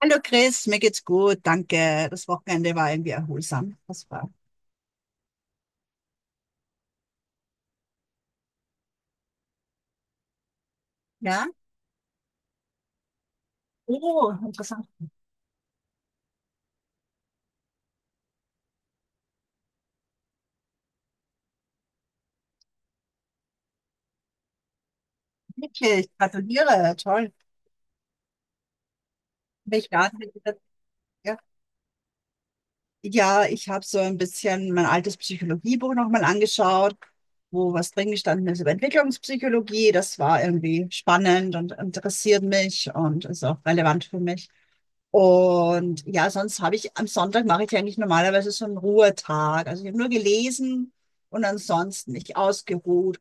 Hallo Chris, mir geht's gut, danke. Das Wochenende war irgendwie erholsam. Das war. Ja? Oh, interessant. Wirklich, gratuliere, toll. Welch Garten? Ja, ich habe so ein bisschen mein altes Psychologiebuch nochmal angeschaut, wo was drin gestanden ist über Entwicklungspsychologie. Das war irgendwie spannend und interessiert mich und ist auch relevant für mich. Und ja, sonst habe ich am Sonntag mache ich eigentlich normalerweise so einen Ruhetag. Also ich habe nur gelesen und ansonsten mich ausgeruht.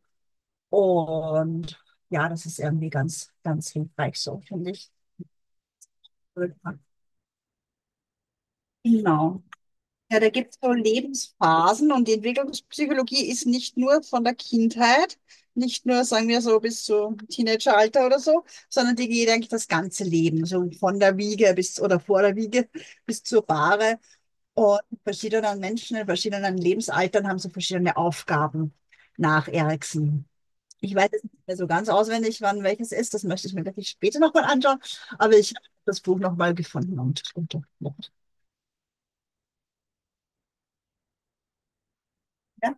Und ja, das ist irgendwie ganz hilfreich so, finde ich. Genau. Ja, da gibt es so Lebensphasen und die Entwicklungspsychologie ist nicht nur von der Kindheit, nicht nur, sagen wir so, bis zum Teenageralter oder so, sondern die geht eigentlich das ganze Leben, so von der Wiege bis oder vor der Wiege bis zur Bahre. Und verschiedenen Menschen in verschiedenen Lebensaltern haben so verschiedene Aufgaben nach Erikson. Ich weiß jetzt nicht mehr so ganz auswendig, wann welches ist, das möchte ich mir wirklich später nochmal anschauen, aber ich habe das Buch nochmal gefunden und- ja,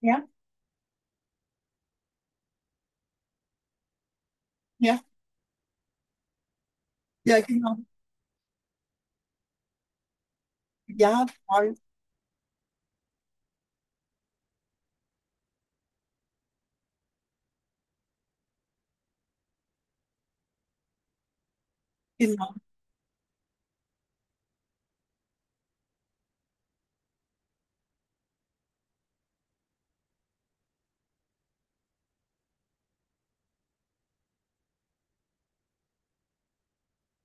ja, ja. Ja, genau. Ja, voll. Genau.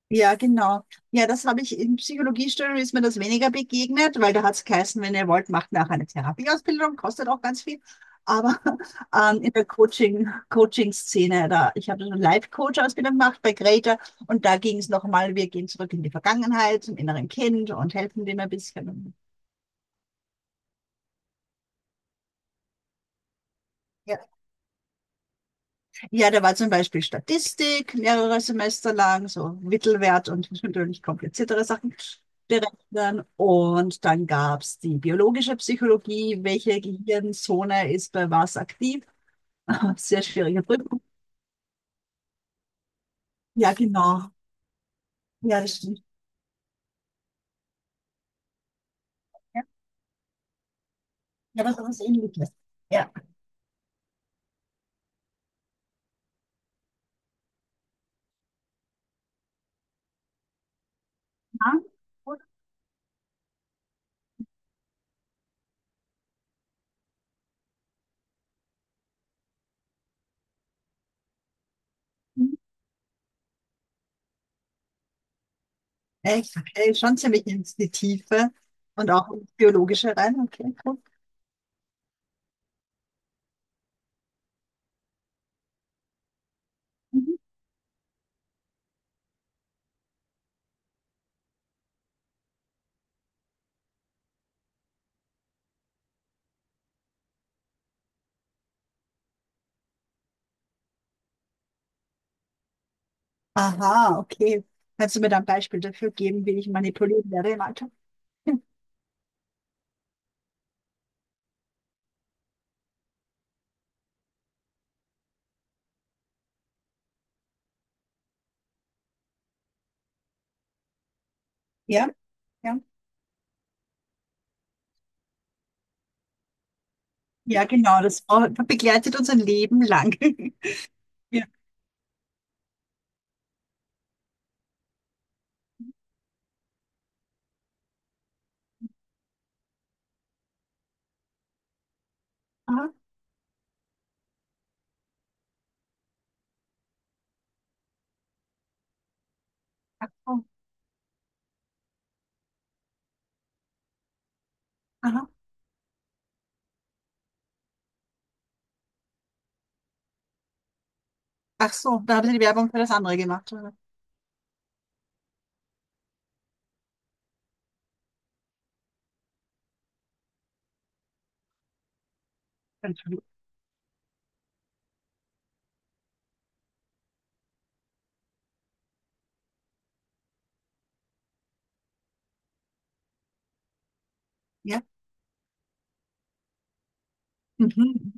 Ja, genau. Ja, das habe ich in Psychologiestudium ist mir das weniger begegnet, weil da hat es geheißen, wenn ihr wollt, macht nachher eine Therapieausbildung, kostet auch ganz viel. Aber in der Coaching-Szene, da, ich habe so eine Life-Coach-Ausbildung gemacht bei Greta und da ging es nochmal, wir gehen zurück in die Vergangenheit, zum inneren Kind und helfen dem ein bisschen. Ja, da war zum Beispiel Statistik mehrere Semester lang, so Mittelwert und natürlich kompliziertere Sachen berechnen. Und dann gab's die biologische Psychologie, welche Gehirnzone ist bei was aktiv. Sehr schwierige Prüfung. Ja, genau. Ja, das stimmt. Ja, ja, aber was ähnliches. Ja. Ja. Mhm. Echt, okay, schon ziemlich in die Tiefe und auch ins Biologische rein. Okay, cool. Mhm. Aha, okay. Kannst du mir da ein Beispiel dafür geben, wie ich manipuliert werde im Alltag? Ja, ja. Ja, genau, das brau- begleitet uns ein Leben lang. Ja. Aha. Ach so. Aha. Ach so, da haben sie die Werbung für das andere gemacht, oder? Entschuldigung. Ja. Mhm.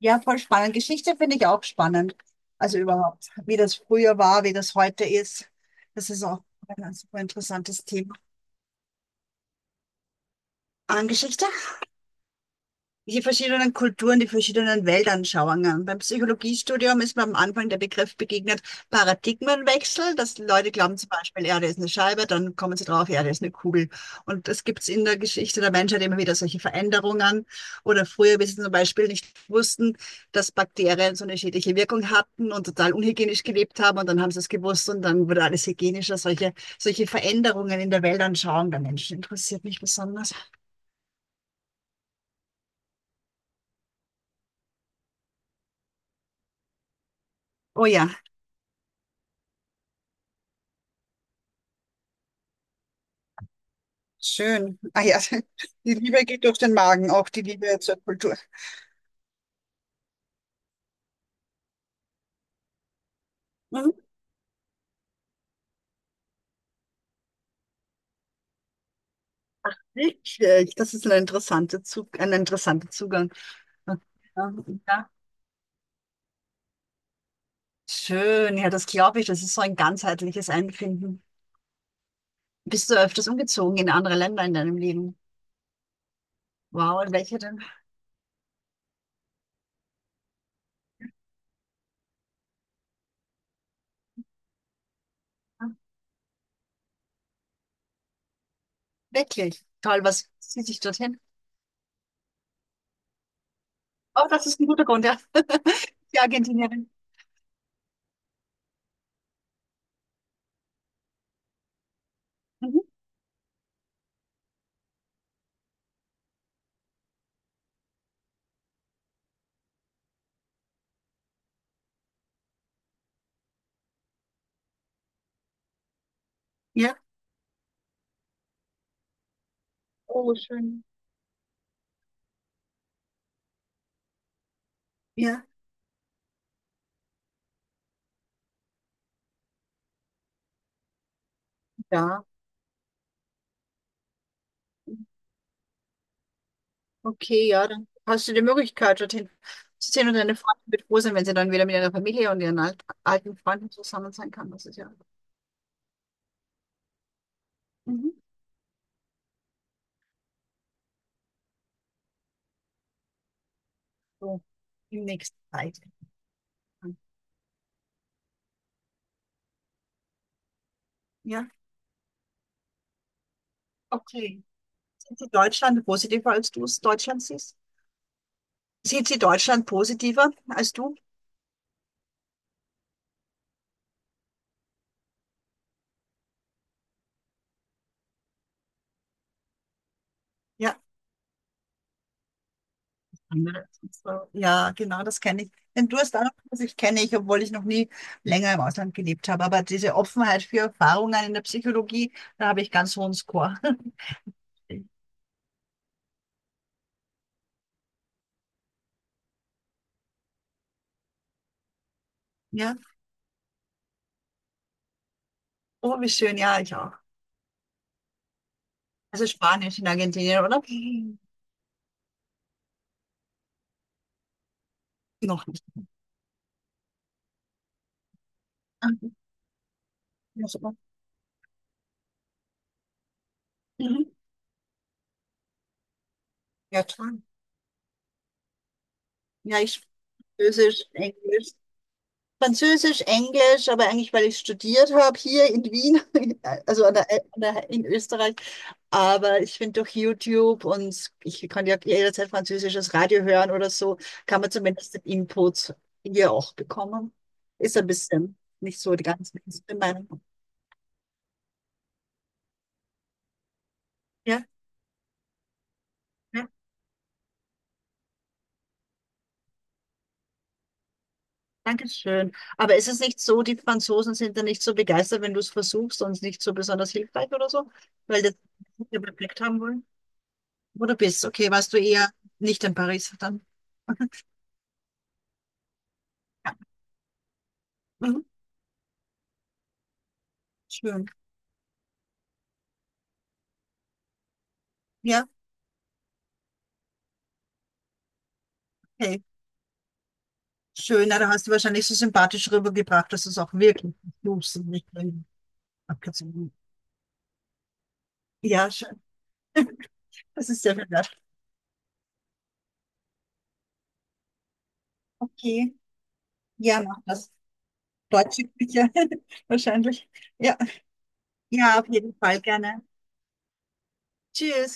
Ja, voll spannend. Geschichte finde ich auch spannend. Also überhaupt, wie das früher war, wie das heute ist. Das ist auch ein super interessantes Thema. An Geschichte? Die verschiedenen Kulturen, die verschiedenen Weltanschauungen. Beim Psychologiestudium ist mir am Anfang der Begriff begegnet, Paradigmenwechsel, dass Leute glauben zum Beispiel, Erde ist eine Scheibe, dann kommen sie drauf, Erde ist eine Kugel. Und das gibt's in der Geschichte der Menschheit immer wieder solche Veränderungen. Oder früher, wie sie zum Beispiel nicht wussten, dass Bakterien so eine schädliche Wirkung hatten und total unhygienisch gelebt haben und dann haben sie es gewusst und dann wurde alles hygienischer. Solche Veränderungen in der Weltanschauung der Menschen interessiert mich besonders. Oh ja. Schön. Ah ja, die Liebe geht durch den Magen, auch die Liebe zur Kultur. Mhm. Richtig, das ist ein interessanter Zug, ein interessanter Zugang. Ja, ja. Schön, ja, das glaube ich. Das ist so ein ganzheitliches Einfinden. Bist du öfters umgezogen in andere Länder in deinem Leben? Wow, in welche denn? Ah, wirklich. Toll, was zieht dich dorthin? Oh, das ist ein guter Grund, ja. Die Argentinierin. Mhm. Ja. Oh, schön. Ja. Ja. Okay, ja, dann hast du die Möglichkeit, dorthin zu sehen und deine Freunde wird froh sein, wenn sie dann wieder mit ihrer Familie und ihren alten Freunden zusammen sein kann. Das ist ja. Mhm. So im nächsten Zeit. Ja, okay. Sieht sie Deutschland positiver, als du es Deutschland siehst? Sieht sie Deutschland positiver als du? Ja. Andere. So, ja, genau, das kenne ich. Den Durst auch, das ich kenne ich, obwohl ich noch nie länger im Ausland gelebt habe. Aber diese Offenheit für Erfahrungen in der Psychologie, da habe ich ganz hohen Score. Ja. Oh, wie schön, ja, ich auch. Also Spanisch in Argentinien, oder? Noch nicht. Ah, ja, super. Mhm. Ja, toll. Ja, ich Französisch, Englisch. Französisch, Englisch, aber eigentlich, weil ich studiert habe hier in Wien, also an der, in Österreich. Aber ich finde durch YouTube und ich kann ja jederzeit französisches Radio hören oder so, kann man zumindest den Input hier auch bekommen. Ist ein bisschen nicht so die ganze Meinung. Ja, ja. Dankeschön. Aber ist es nicht so, die Franzosen sind da nicht so begeistert, wenn du es versuchst und nicht so besonders hilfreich oder so, weil die den Effekt haben wollen? Wo du bist, okay, warst du eher nicht in Paris dann? Mhm. Schön. Ja, okay, schön. Na, da hast du wahrscheinlich so sympathisch rübergebracht, dass du es auch wirklich versuchst und nicht nur abgezogen. Ja, schön. Das ist sehr viel wert. Okay. Ja, mach das. Deutsche Küche, wahrscheinlich. Ja. Ja, auf jeden Fall gerne. Tschüss.